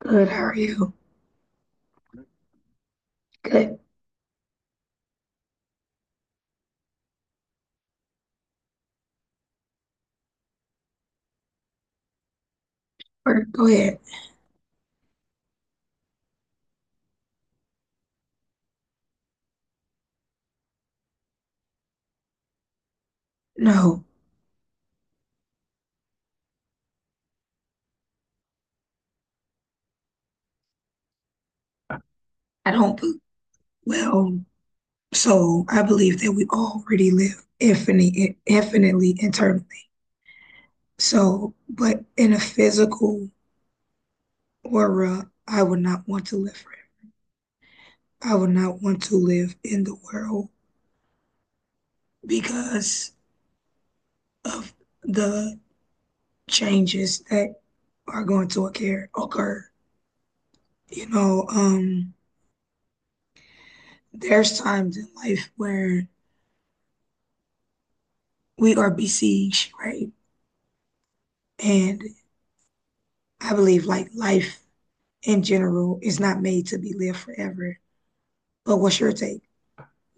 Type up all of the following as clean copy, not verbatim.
Good. How are you? Good. Or Go ahead. No, I don't. Well, so I believe that we already live infinitely eternally. So, but in a physical aura, I would not want to live forever. I would not want to live in the world because of the changes that are going to occur. You know, there's times in life where we are besieged, right? And I believe like life in general is not made to be lived forever. But what's your take?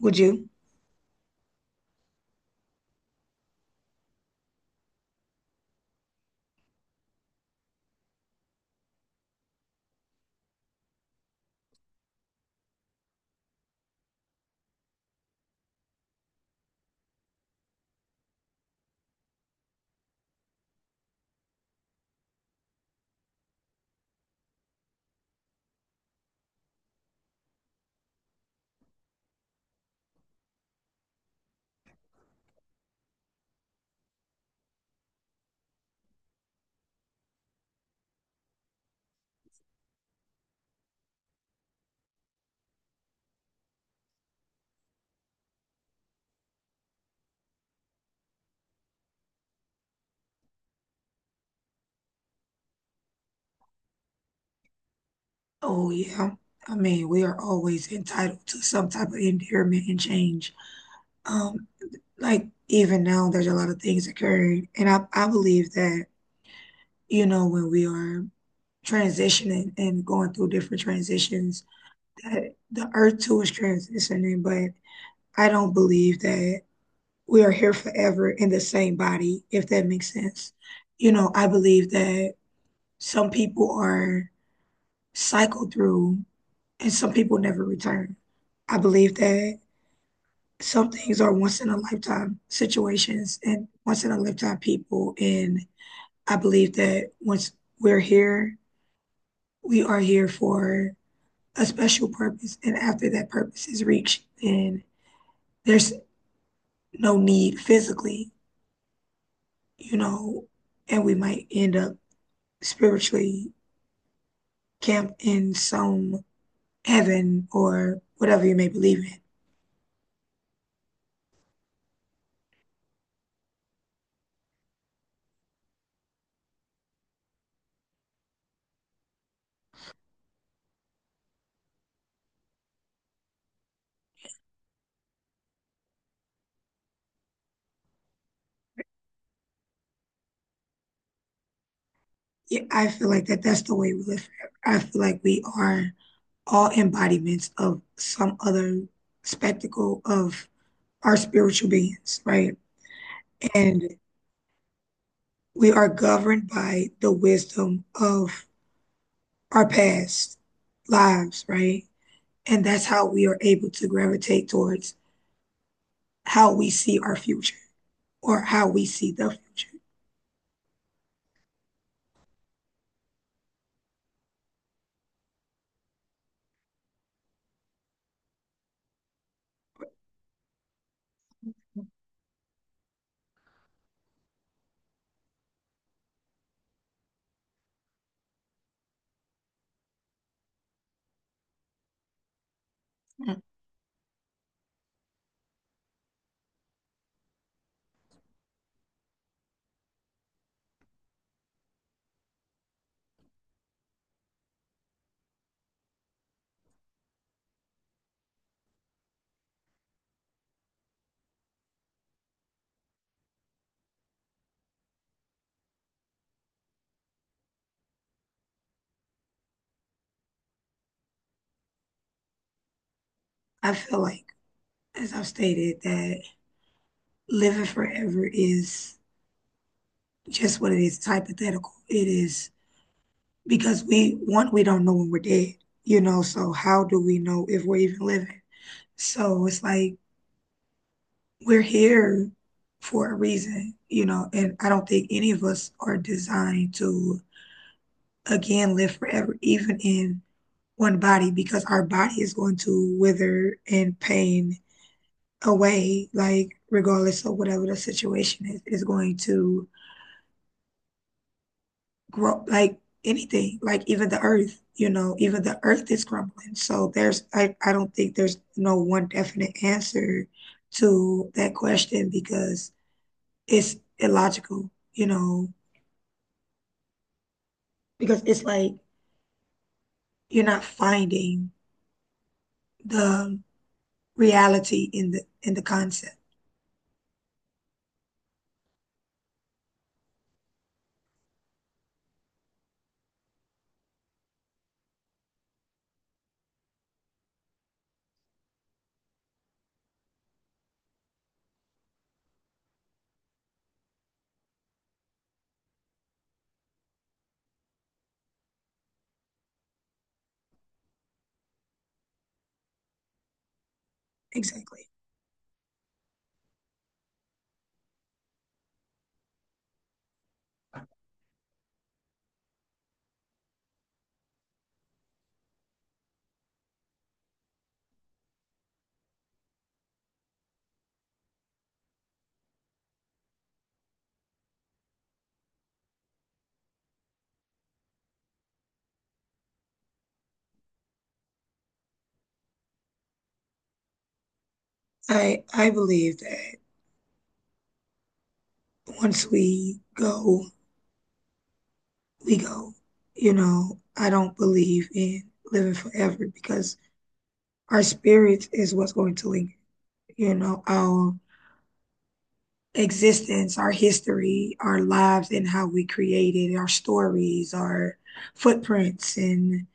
Would you? Oh yeah. I mean, we are always entitled to some type of endearment and change. Um, like even now there's a lot of things occurring. And I believe that, you know, when we are transitioning and going through different transitions, that the earth too is transitioning, but I don't believe that we are here forever in the same body, if that makes sense. You know, I believe that some people are cycled through and some people never return. I believe that some things are once in a lifetime situations and once in a lifetime people. And I believe that once we're here, we are here for a special purpose. And after that purpose is reached, then there's no need physically, you know, and we might end up spiritually camped in some heaven or whatever you may believe in. Yeah, I feel like that's the way we live forever. I feel like we are all embodiments of some other spectacle of our spiritual beings, right? And we are governed by the wisdom of our past lives, right? And that's how we are able to gravitate towards how we see our future or how we see the future. I feel like. As I've stated, that living forever is just what it is. It's hypothetical. It is because we don't know when we're dead, you know, so how do we know if we're even living? So it's like we're here for a reason, you know, and I don't think any of us are designed to again live forever, even in one body, because our body is going to wither and pain away, like regardless of whatever the situation is going to grow like anything, like even the earth, you know, even the earth is crumbling. So there's I don't think there's no one definite answer to that question because it's illogical, you know, because it's like you're not finding the reality in the concept. Exactly. I believe that once we go we go. You know, I don't believe in living forever because our spirit is what's going to linger. You know, our existence, our history, our lives, and how we created our stories, our footprints, and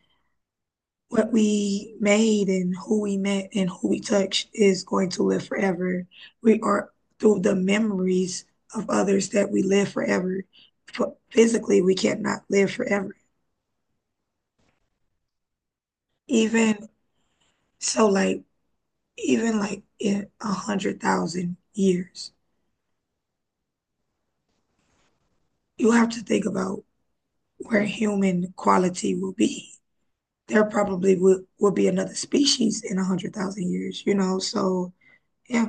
what we made, and who we met, and who we touched is going to live forever. We are through the memories of others that we live forever. But physically, we cannot live forever. Even so, like even like in 100,000 years, you have to think about where human quality will be. There probably will be another species in 100,000 years, you know? So yeah,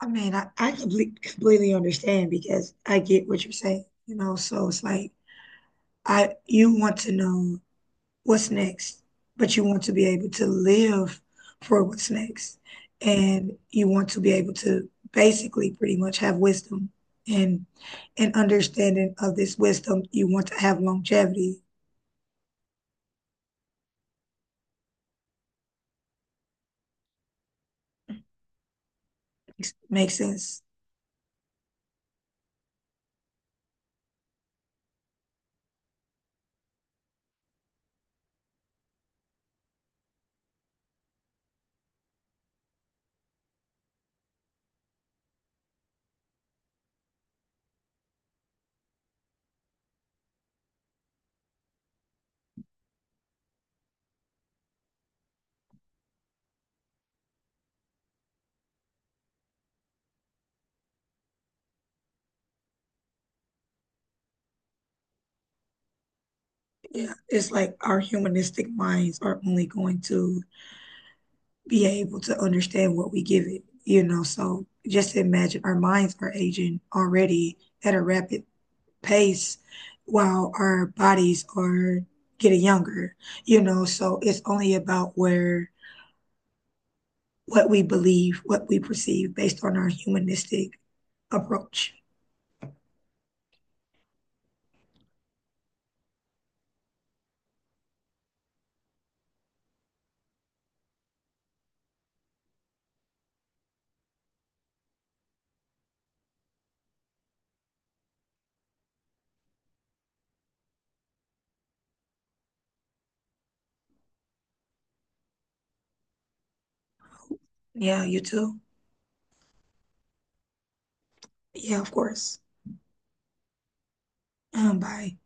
I mean, I completely completely understand because I get what you're saying, you know? So it's like I you want to know what's next, but you want to be able to live for what's next. And you want to be able to basically pretty much have wisdom and an understanding of this wisdom. You want to have longevity. Makes sense. Yeah, it's like our humanistic minds are only going to be able to understand what we give it, you know. So just imagine our minds are aging already at a rapid pace while our bodies are getting younger, you know. So it's only about where what we believe, what we perceive based on our humanistic approach. Yeah, you too. Yeah, of course. Bye.